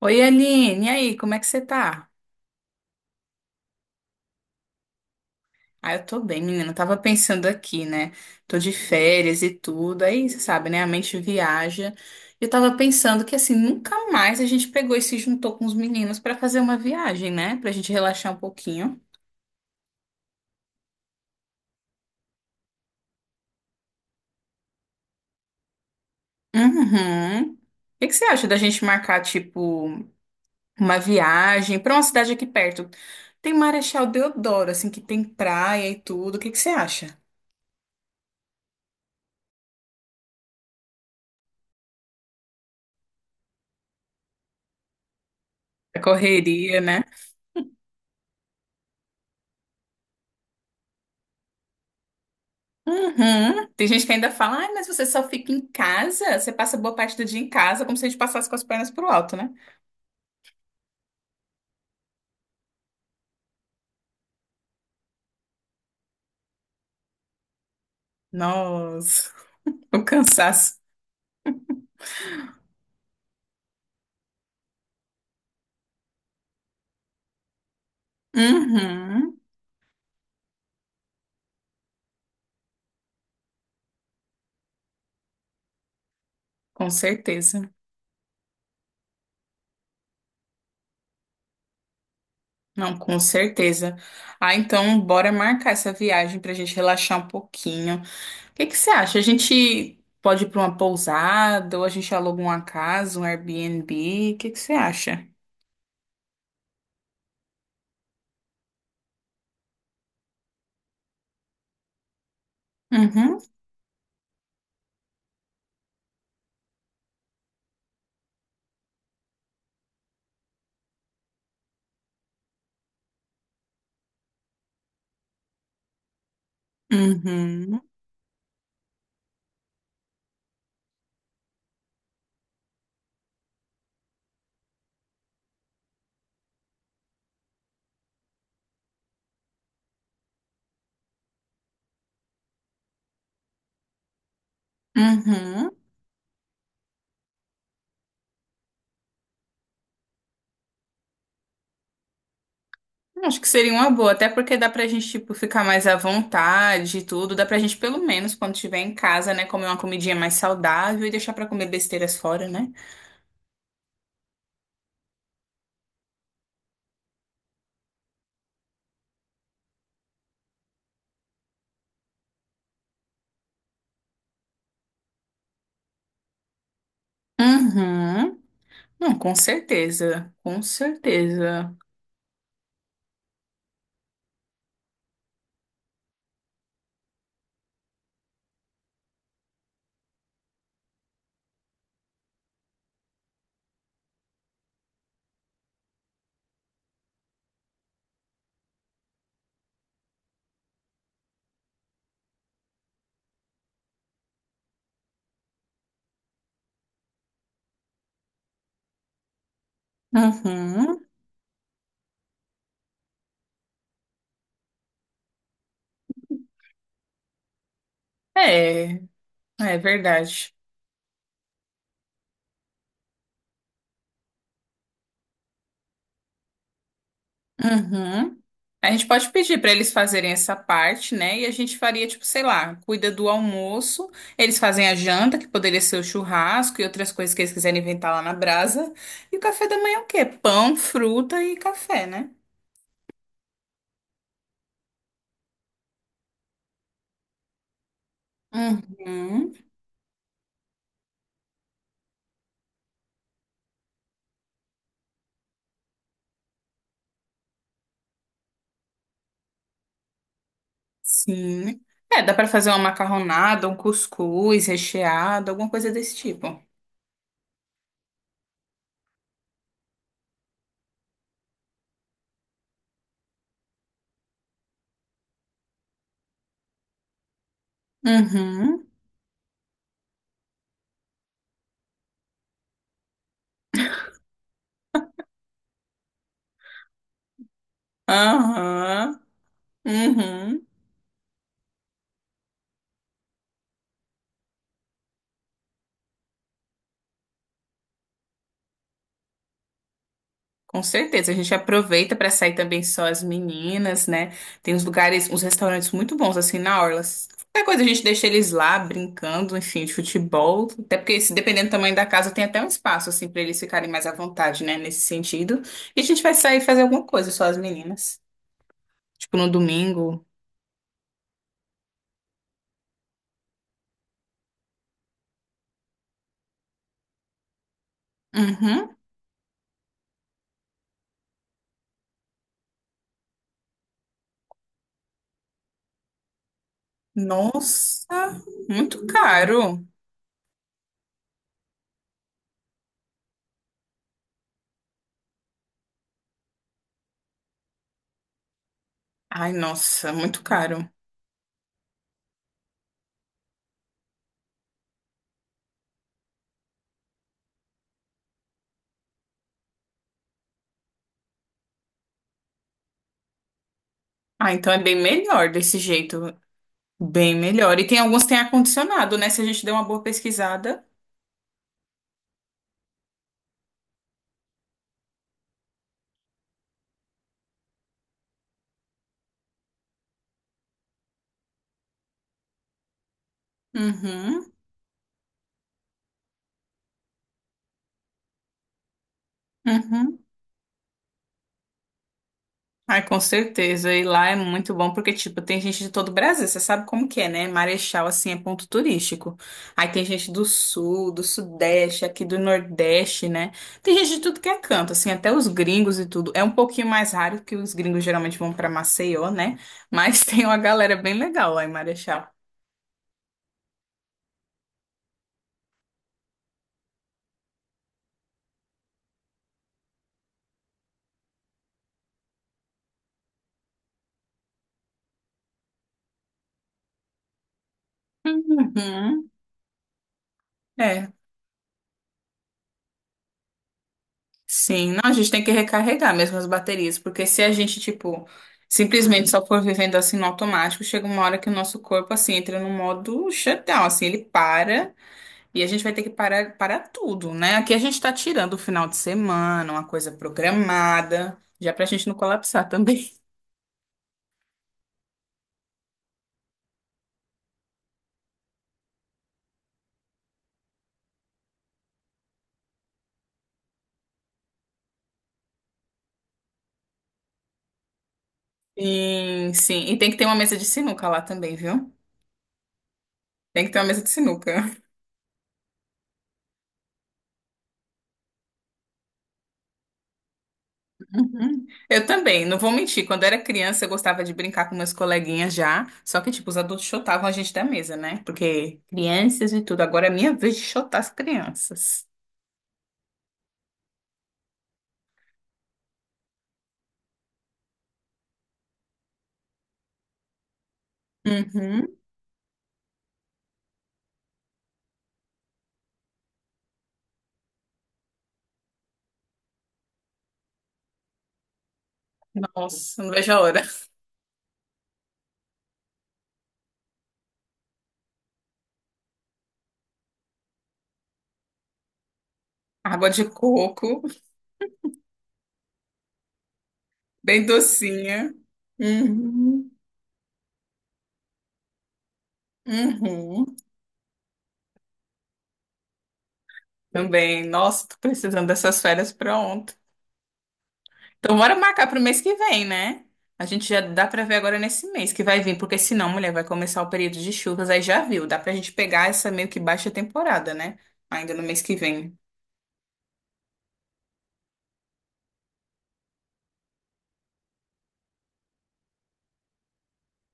Oi, Aline, e aí, como é que você tá? Ah, eu tô bem, menina. Eu tava pensando aqui, né? Tô de férias e tudo. Aí, você sabe, né? A mente viaja. Eu tava pensando que, assim, nunca mais a gente pegou e se juntou com os meninos pra fazer uma viagem, né? Pra gente relaxar um pouquinho. Uhum. O que que você acha da gente marcar, tipo, uma viagem pra uma cidade aqui perto? Tem Marechal Deodoro, assim, que tem praia e tudo. O que que você acha? A correria, né? Uhum. Tem gente que ainda fala, ai, mas você só fica em casa, você passa boa parte do dia em casa, como se a gente passasse com as pernas pro alto, né? Nossa, o cansaço. Uhum. Com certeza. Não, com certeza. Ah, então bora marcar essa viagem pra gente relaxar um pouquinho. O que que você acha? A gente pode ir pra uma pousada ou a gente aluga uma casa, um Airbnb? O que que você acha? Uhum. Uhum. Uhum. Acho que seria uma boa, até porque dá pra gente, tipo, ficar mais à vontade e tudo. Dá pra gente, pelo menos, quando estiver em casa, né, comer uma comidinha mais saudável e deixar pra comer besteiras fora, né? Uhum. Não, com certeza. Com certeza. Uhum. É, é verdade. Uhum. A gente pode pedir para eles fazerem essa parte, né? E a gente faria, tipo, sei lá, cuida do almoço, eles fazem a janta, que poderia ser o churrasco e outras coisas que eles quiserem inventar lá na brasa. E o café da manhã é o quê? Pão, fruta e café, né? Uhum. Sim. É, dá para fazer uma macarronada, um cuscuz recheado, alguma coisa desse tipo. Uhum. Aham. Uhum. Com certeza, a gente aproveita para sair também só as meninas, né? Tem uns lugares, uns restaurantes muito bons assim na orla. Qualquer coisa a gente deixa eles lá brincando, enfim, de futebol. Até porque, se dependendo do tamanho da casa, tem até um espaço assim para eles ficarem mais à vontade, né? Nesse sentido. E a gente vai sair fazer alguma coisa só as meninas, tipo no domingo. Uhum. Nossa, muito caro. Ai, nossa, muito caro. Ah, então é bem melhor desse jeito. Bem melhor. E tem alguns que tem ar-condicionado, né? Se a gente der uma boa pesquisada. Uhum, uhum. Ai, com certeza. E lá é muito bom porque, tipo, tem gente de todo o Brasil. Você sabe como que é, né? Marechal, assim, é ponto turístico. Aí tem gente do Sul, do Sudeste, aqui do Nordeste, né? Tem gente de tudo que é canto, assim, até os gringos e tudo. É um pouquinho mais raro que os gringos geralmente vão pra Maceió, né? Mas tem uma galera bem legal lá em Marechal. Uhum. É, sim, não, a gente tem que recarregar mesmo as baterias, porque se a gente, tipo, simplesmente só for vivendo assim no automático, chega uma hora que o nosso corpo, assim, entra no modo shutdown, assim, ele para e a gente vai ter que parar, parar tudo, né? Aqui a gente tá tirando o final de semana, uma coisa programada, já pra gente não colapsar também. Sim, sim, e tem que ter uma mesa de sinuca lá também, viu? Tem que ter uma mesa de sinuca. Uhum. Eu também, não vou mentir. Quando eu era criança, eu gostava de brincar com meus coleguinhas já. Só que, tipo, os adultos chotavam a gente da mesa, né? Porque crianças e tudo. Agora é minha vez de chotar as crianças. Uhum. Nossa, não vejo a hora. Água de coco, bem docinha. Uhum. Uhum. Também. Nossa, tô precisando dessas férias pronto. Então, bora marcar pro mês que vem, né? A gente já dá pra ver agora nesse mês que vai vir, porque senão, mulher, vai começar o período de chuvas, aí já viu. Dá pra gente pegar essa meio que baixa temporada, né? Ainda no mês que vem.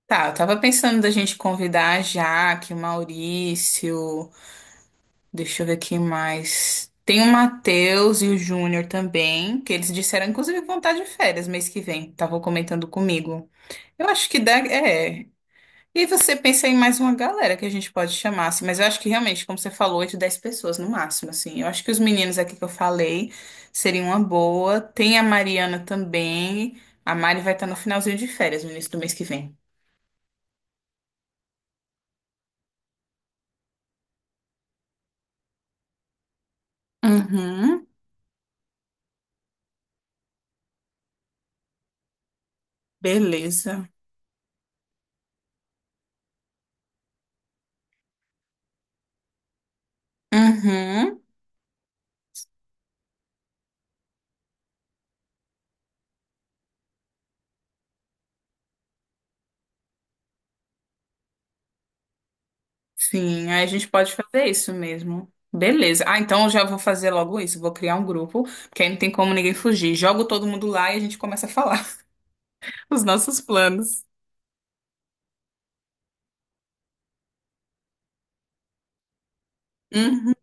Tá, eu tava pensando da gente convidar a Jaque, o Maurício, deixa eu ver aqui mais. Tem o Matheus e o Júnior também, que eles disseram, inclusive, que vão estar de férias mês que vem. Estavam comentando comigo. Eu acho que dá, é. E você pensa em mais uma galera que a gente pode chamar, assim, mas eu acho que realmente, como você falou, 8, 10 pessoas no máximo, assim. Eu acho que os meninos aqui que eu falei seriam uma boa. Tem a Mariana também. A Mari vai estar no finalzinho de férias, no início do mês que vem. Uhum, beleza. Uhum, sim, aí a gente pode fazer isso mesmo. Beleza. Ah, então eu já vou fazer logo isso. Vou criar um grupo, porque aí não tem como ninguém fugir. Jogo todo mundo lá e a gente começa a falar os nossos planos. Uhum,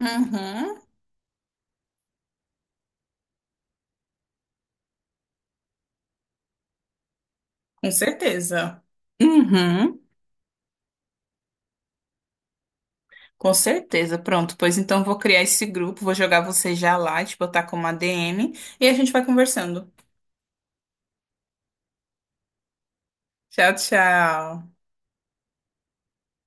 uhum. Com certeza. Uhum, com certeza. Pronto, pois então vou criar esse grupo, vou jogar você já lá, te botar como a ADM e a gente vai conversando. Tchau, tchau.